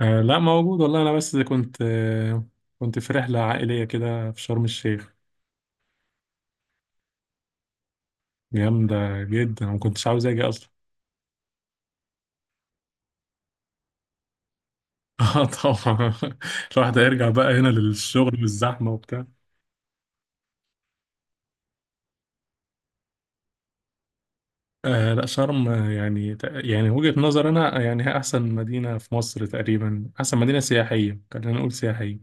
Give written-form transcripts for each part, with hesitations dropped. لا موجود والله، انا بس كنت في رحله عائليه كده في شرم الشيخ. جامده جدا، ما كنتش عاوز اجي اصلا. اه، طبعا الواحد هيرجع بقى هنا للشغل والزحمه وبتاع. لا، شرم يعني وجهه نظر انا، يعني هي احسن مدينه في مصر تقريبا، احسن مدينه سياحيه، خلينا نقول سياحيه.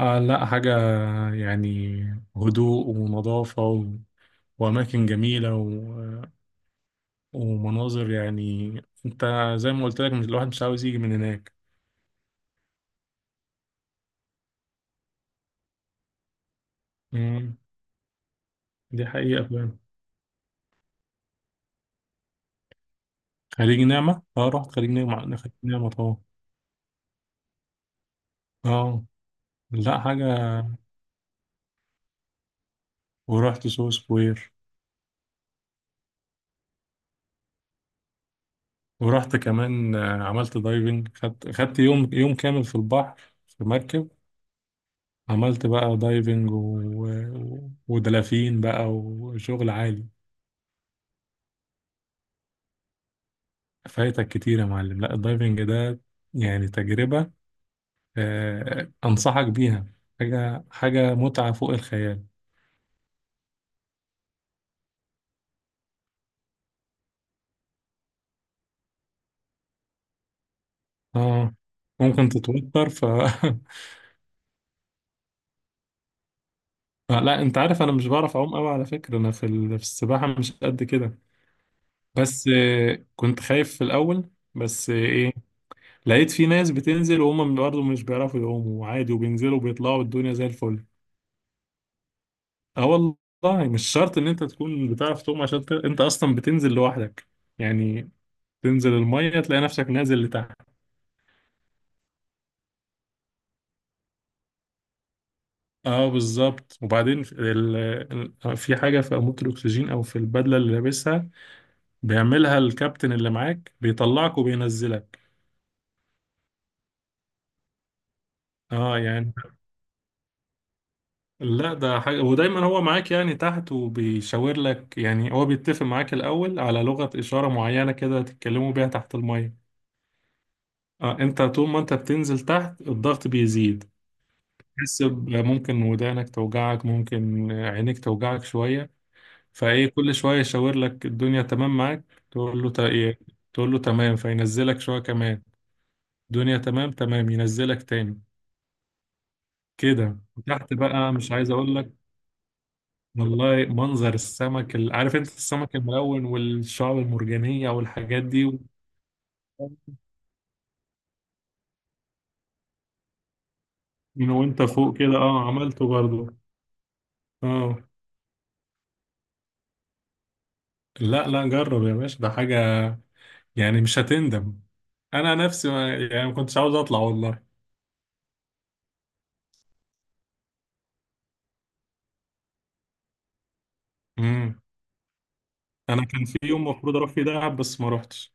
لا حاجه، يعني هدوء ونظافه واماكن جميله ومناظر يعني. انت زي ما قلت لك، مش الواحد مش عاوز يجي من هناك. مم. دي حقيقة فعلا. خليج نعمة، اه رحت خليج نعمة، أنا خليج نعمة طبعا. اه لا حاجة. ورحت سو سكوير. ورحت كمان، عملت دايفنج، خدت يوم كامل في البحر، في مركب. عملت بقى دايفنج ودلافين بقى وشغل عالي. فايتك كتير يا معلم، لا الدايفنج ده يعني تجربة، أنصحك بيها. حاجة متعة فوق الخيال. اه. ممكن تتوتر ف لا انت عارف انا مش بعرف اعوم قوي على فكرة، انا في في السباحة مش قد كده، بس كنت خايف في الاول، بس ايه. لقيت في ناس بتنزل وهم برضه مش بيعرفوا يعوموا عادي وبينزلوا وبيطلعوا الدنيا زي الفل. اه والله مش شرط ان انت تكون بتعرف تعوم عشان انت اصلا بتنزل لوحدك يعني. تنزل المية تلاقي نفسك نازل لتحت. اه بالظبط، وبعدين في في حاجه في انبوبه الاكسجين او في البدله اللي لابسها، بيعملها الكابتن اللي معاك، بيطلعك وبينزلك. اه يعني. لا ده حاجه، ودايما هو معاك يعني تحت، وبيشاور لك، يعني هو بيتفق معاك الاول على لغه اشاره معينه كده تتكلموا بيها تحت الميه. اه، انت طول ما انت بتنزل تحت الضغط بيزيد. تحس ممكن ودانك توجعك، ممكن عينيك توجعك شويه. فايه كل شويه يشاور لك الدنيا تمام معاك، تقول له إيه؟ تقول له تمام، فينزلك شويه كمان. الدنيا تمام، تمام ينزلك تاني كده. وتحت بقى مش عايز اقول لك. والله منظر السمك عارف انت، السمك الملون والشعاب المرجانيه والحاجات دي و-. من وانت فوق كده، اه عملته برضه. اه لا لا، جرب يا باشا، ده حاجه يعني مش هتندم. انا نفسي ما يعني ما كنتش عاوز اطلع والله. امم. انا كان في يوم المفروض اروح فيه دهب بس ما روحتش.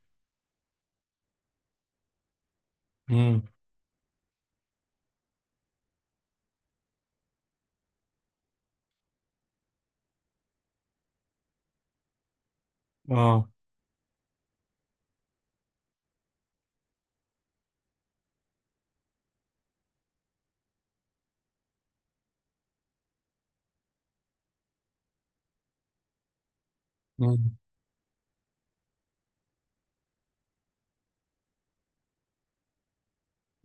اه. مم.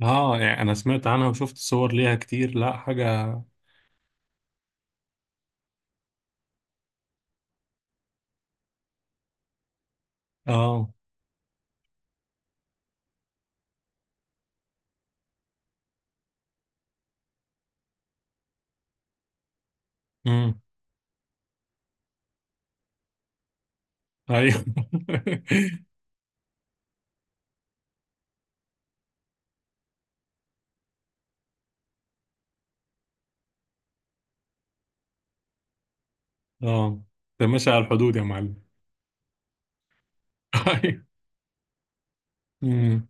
اه يعني انا سمعت عنها وشفت صور ليها كتير، لا حاجة. اه. امم. ايوه. اه. ده ماشي على الحدود يا معلم. ايوه. امم.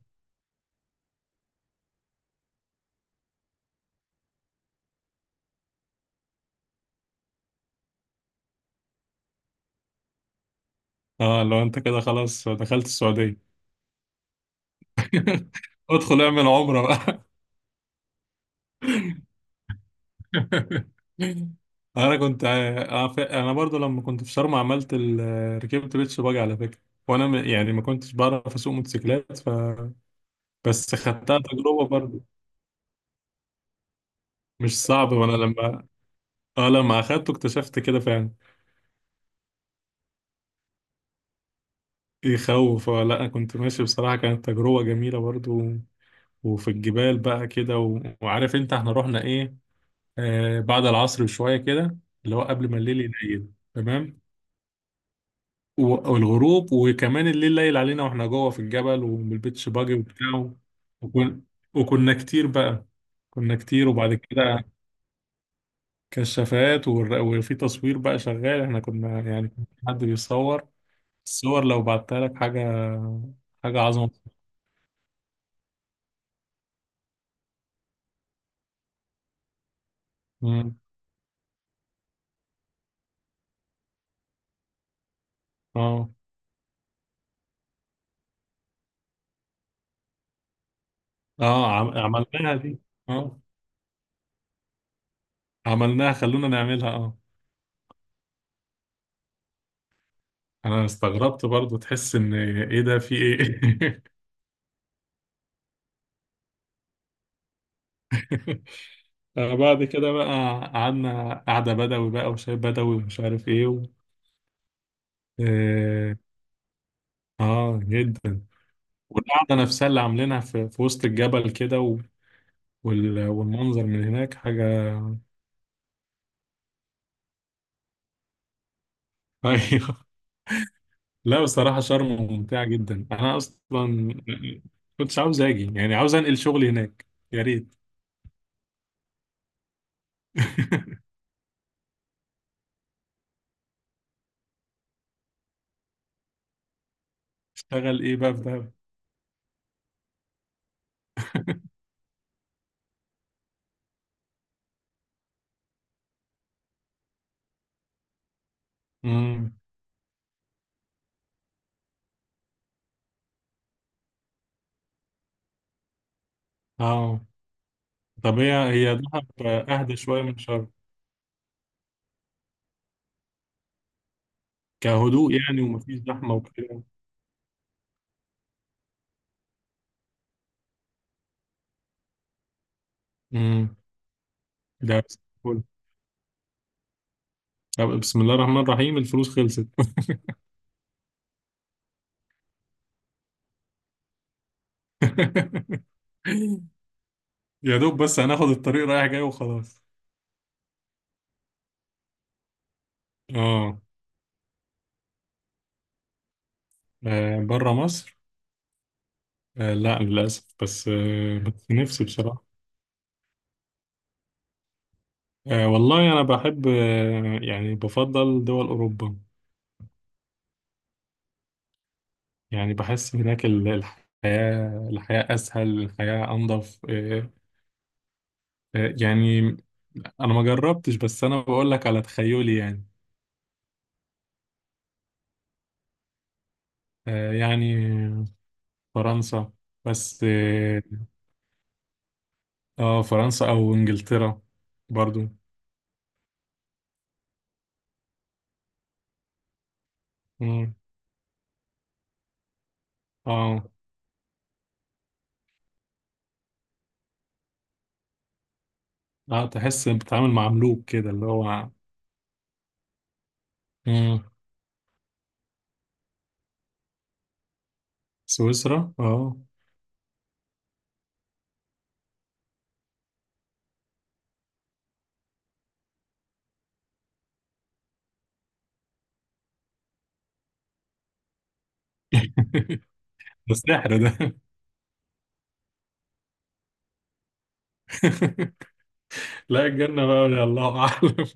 اه، لو انت كده خلاص دخلت السعودية. ادخل اعمل عمرة بقى. انا كنت انا برضو لما كنت في شرم عملت ركبت بيتش باجي على فكرة، وانا يعني ما كنتش بعرف اسوق موتوسيكلات ف. بس خدتها تجربة برضو. مش صعب. وانا لما، اه لما اخدته اكتشفت كده فعلا. يخوف. اه لا، كنت ماشي بصراحة، كانت تجربة جميلة برضو. وفي الجبال بقى كده وعارف انت احنا رحنا ايه، آه بعد العصر بشوية كده، اللي هو قبل ما الليل يليل. تمام. والغروب، وكمان الليل ليل علينا واحنا جوه في الجبل وبالبيتش باجي وبتاعه. وكن... وكنا كتير بقى كنا كتير وبعد كده. كشافات وفي تصوير بقى شغال، احنا كنا يعني كان في حد بيصور. الصور لو بعتها لك حاجة، حاجة عظمة. مم. اه. اه عملناها دي. اه عملناها، خلونا نعملها اه. انا استغربت برضو، تحس ان ايه ده، في ايه. بعد كده بقى قعدنا قعدة بدوي بقى وشاي بدوي ومش عارف ايه و... اه. آه، جدا. والقعدة نفسها اللي عاملينها في, في وسط الجبل كده و... والمنظر من هناك حاجة. ايوه. لا بصراحة شرم ممتعة جدا. انا اصلا كنتش عاوز اجي، يعني عاوز انقل شغلي هناك. يا ريت. اشتغل ايه بقى في دهب. امم. اه. طب هي، هي دهب اهدى شويه من شرم؟ كهدوء يعني، ومفيش زحمه وكده. امم. ده بس فل. طب بسم الله الرحمن الرحيم الفلوس خلصت. يا دوب بس هناخد الطريق رايح جاي وخلاص. اه. بره مصر؟ لا للاسف، بس بس نفسي بصراحه. والله انا بحب، يعني بفضل دول اوروبا. يعني بحس هناك الحياه، الحياه اسهل، الحياه انظف. يعني. انا ما جربتش، بس انا بقول لك على تخيلي يعني. يعني فرنسا، بس اه. فرنسا او انجلترا برضو. مم. اه. اه، تحس بتتعامل مع ملوك كده اللي هو. مم. سويسرا اه. ده سحر ده. لا، الجنة بقى يا الله اعلم.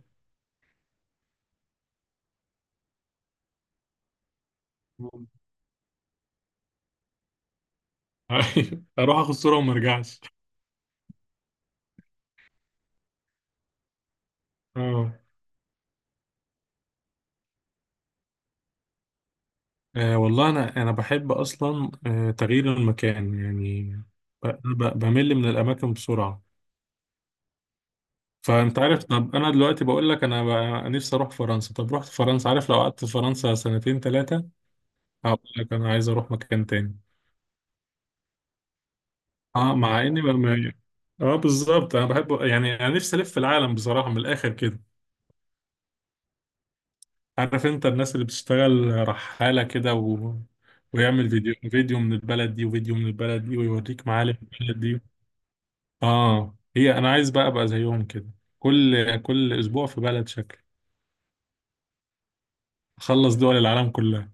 اروح اخد صورة وما ارجعش. اه. والله أنا بحب أصلا، تغيير المكان يعني. بمل من الأماكن بسرعة. فأنت عارف، طب أنا دلوقتي بقول لك أنا نفسي أروح فرنسا، طب رحت فرنسا، عارف لو قعدت في فرنسا سنتين ثلاثة هقول لك أنا عايز أروح مكان تاني. أه مع إني ما ما- أه بالظبط، أنا بحب يعني، أنا نفسي ألف في العالم بصراحة من الآخر كده. عارف أنت الناس اللي بتشتغل رحالة كده ويعمل فيديو من البلد دي وفيديو من البلد دي ويوريك معالم البلد دي. اه، هي انا عايز بقى ابقى زيهم كده. كل اسبوع في بلد شكل. اخلص دول العالم كلها.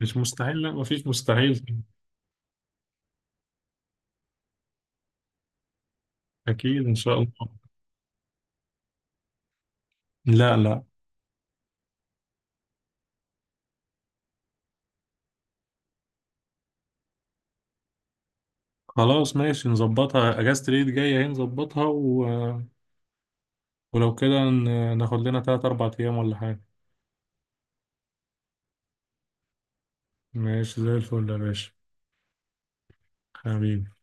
مش مستحيل، لا مفيش مستحيل. اكيد ان شاء الله. لا لا. خلاص ماشي نظبطها، اجازة العيد جاية اهي نظبطها و... ولو كده ناخد لنا 3 4 ايام ولا حاجة. ماشي زي الفل يا باشا. حبيبي.